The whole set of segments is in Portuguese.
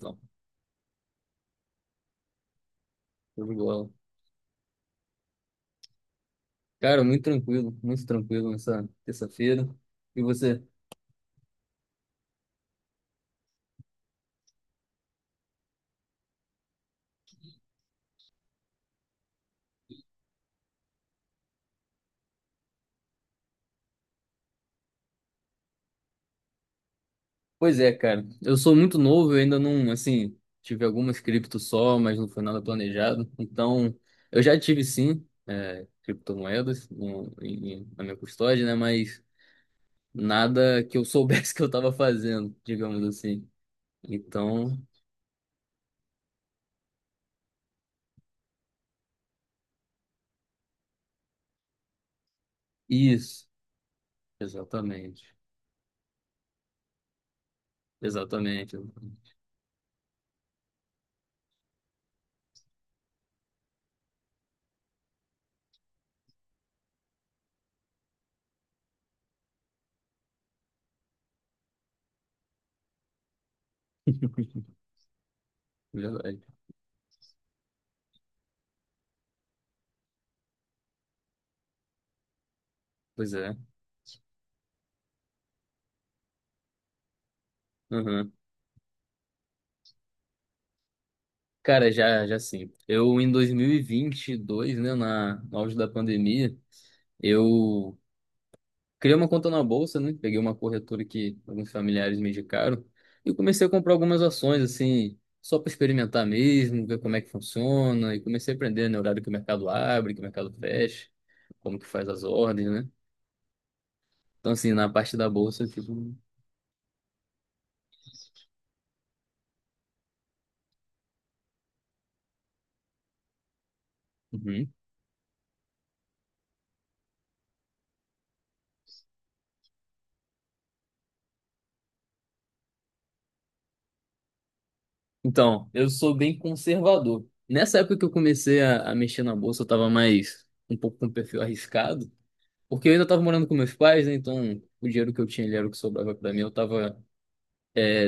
Não, show de bola. Cara, muito tranquilo nessa terça-feira. E você? Pois é, cara. Eu sou muito novo, eu ainda não, assim, tive algumas criptos só, mas não foi nada planejado. Então, eu já tive sim, é, criptomoedas na minha custódia, né? Mas nada que eu soubesse que eu estava fazendo, digamos assim. Então, isso, exatamente. Exatamente. Verdade. Pois é. Aham. Cara, já, já sim. Eu, em dois mil e vinte e dois, né, no auge da pandemia, eu criei uma conta na bolsa, né? Peguei uma corretora que alguns familiares me indicaram e comecei a comprar algumas ações, assim, só para experimentar mesmo, ver como é que funciona. E comecei a aprender, né, o horário que o mercado abre, que o mercado fecha, como que faz as ordens, né? Então, assim, na parte da bolsa, tipo. Uhum. Então, eu sou bem conservador. Nessa época que eu comecei a mexer na bolsa, eu tava mais um pouco com perfil arriscado. Porque eu ainda estava morando com meus pais, né? Então o dinheiro que eu tinha ali era o que sobrava para mim. Eu estava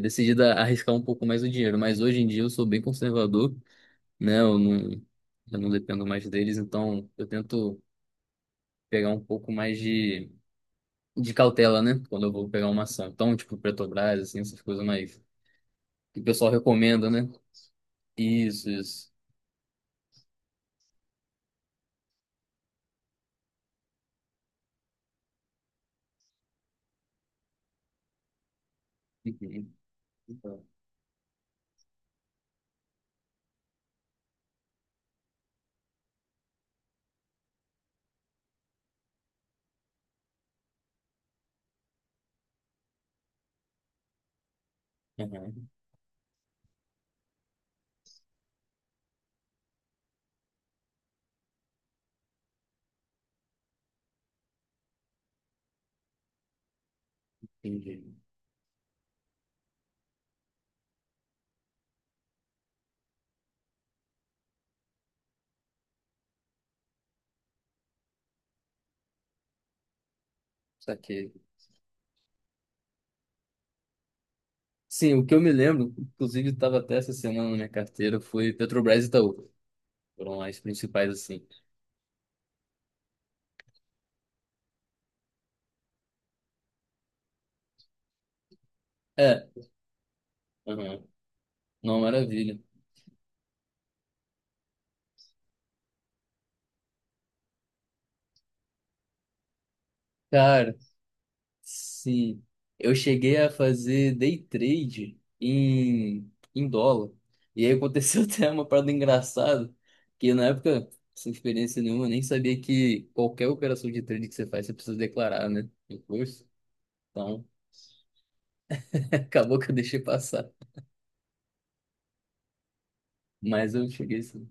decidido a arriscar um pouco mais o dinheiro. Mas hoje em dia eu sou bem conservador, né? Eu não dependo mais deles, então eu tento pegar um pouco mais de, cautela, né? Quando eu vou pegar uma ação. Então, tipo, Petrobras, assim, essas coisas mais que o pessoal recomenda, né? Isso, isso. Uhum. Então, uhum, entendi. Saquei. Sim, o que eu me lembro, inclusive estava até essa semana na minha carteira, foi Petrobras e Itaú. Foram as principais, assim. É, aham. Não, maravilha. Cara, sim. Eu cheguei a fazer day trade em dólar. E aí aconteceu até uma parada engraçada, que na época, sem experiência nenhuma, eu nem sabia que qualquer operação de trade que você faz, você precisa declarar, né? Imposto. Então, acabou que eu deixei passar. Mas eu cheguei assim.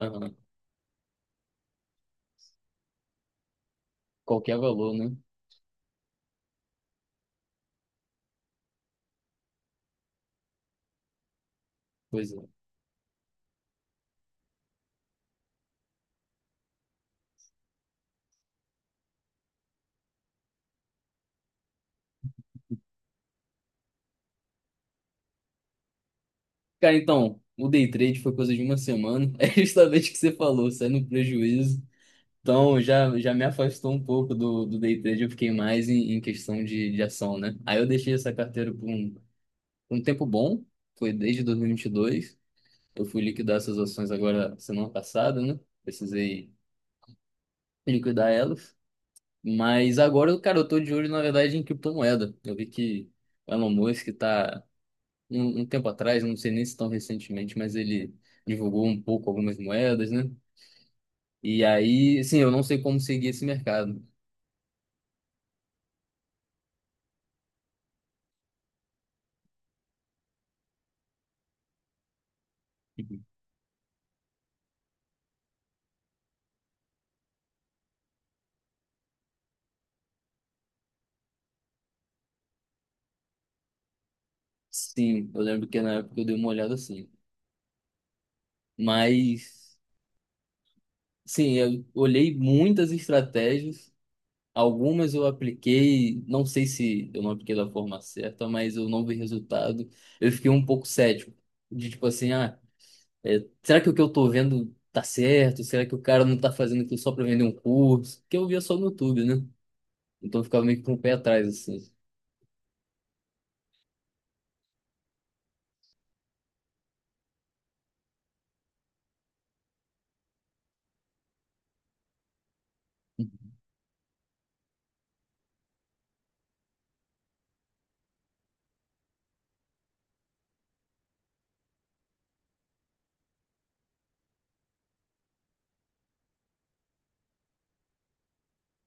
Aham. Qualquer valor, né? Pois é. Cara, então, o day trade foi coisa de uma semana. É justamente o que você falou, sai no prejuízo. Então, já, já me afastou um pouco do day trade. Eu fiquei mais em, questão de ação, né? Aí eu deixei essa carteira por um tempo bom, foi desde 2022. Eu fui liquidar essas ações agora semana passada, né? Precisei liquidar elas. Mas agora, cara, eu tô de olho, na verdade, em criptomoeda. Eu vi que o Elon Musk tá um tempo atrás, não sei nem se tão recentemente, mas ele divulgou um pouco algumas moedas, né? E aí, assim, eu não sei como seguir esse mercado. Uhum. Sim, eu lembro que na época eu dei uma olhada assim. Mas, sim, eu olhei muitas estratégias. Algumas eu apliquei, não sei se eu não apliquei da forma certa, mas eu não vi resultado. Eu fiquei um pouco cético, de tipo assim, ah, é, será que o que eu tô vendo tá certo? Será que o cara não tá fazendo aquilo só pra vender um curso? Que eu via só no YouTube, né? Então eu ficava meio que com o pé atrás, assim.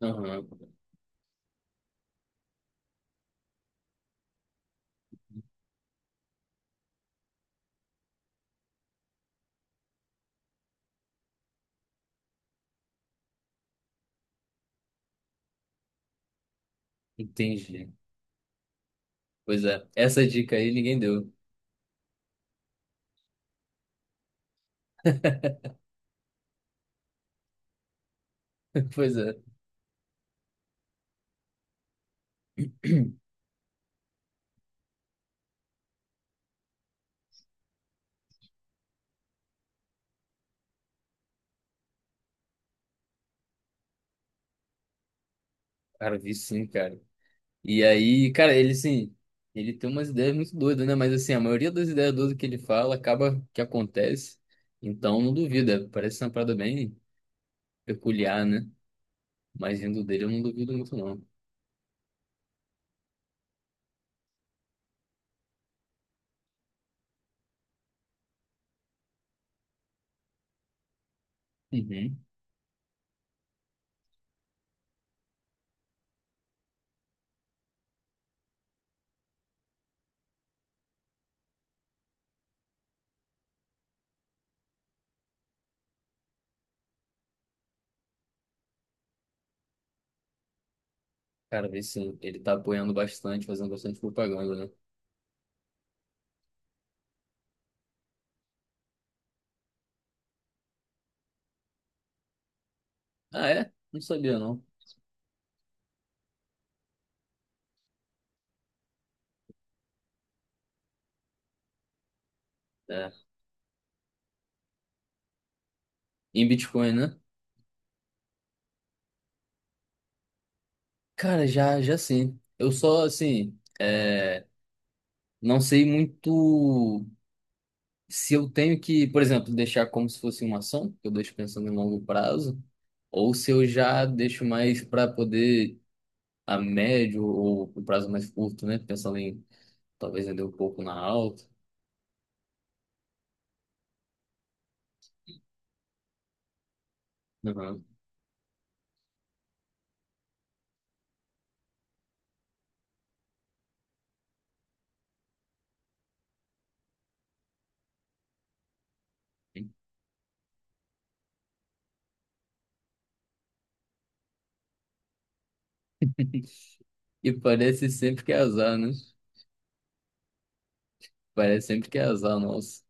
Aham, entendi. Pois é, essa dica aí ninguém deu. Pois é, cara, vi sim, cara. E aí, cara, ele assim, ele tem umas ideias muito doidas, né? Mas assim, a maioria das ideias doidas que ele fala acaba que acontece. Então não duvida, parece uma parada bem peculiar, né? Mas vindo dele eu não duvido muito, não. Uhum. Cara, vi sim, ele tá apoiando bastante, fazendo bastante propaganda, né? Ah, é? Não sabia, não. É. Em Bitcoin, né? Cara, já, já sim. Eu só, assim, é, não sei muito se eu tenho que, por exemplo, deixar como se fosse uma ação, que eu deixo pensando em longo prazo, ou se eu já deixo mais para poder a médio ou um prazo mais curto, né? Pensando em talvez vender um pouco na alta. Uhum. E parece sempre que é azar, né? Parece sempre que é azar, nossa.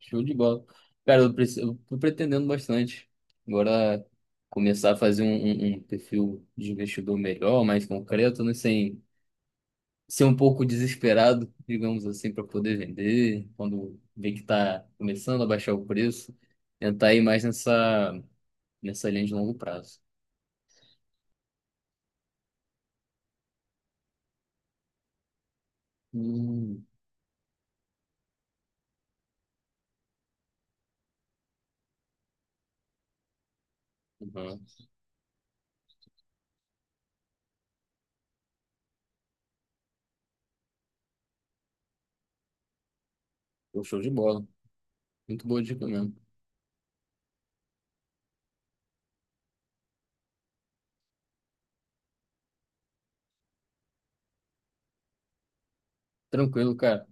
Show de bola. Cara, eu, eu tô pretendendo bastante. Agora começar a fazer um, um perfil de investidor melhor, mais concreto, né? Sem ser um pouco desesperado, digamos assim, para poder vender. Quando vê que tá começando a baixar o preço, tentar ir mais nessa, nessa linha de longo prazo. Hum, uhum. Pô, show de bola. Muito boa dica mesmo. Tranquilo, cara.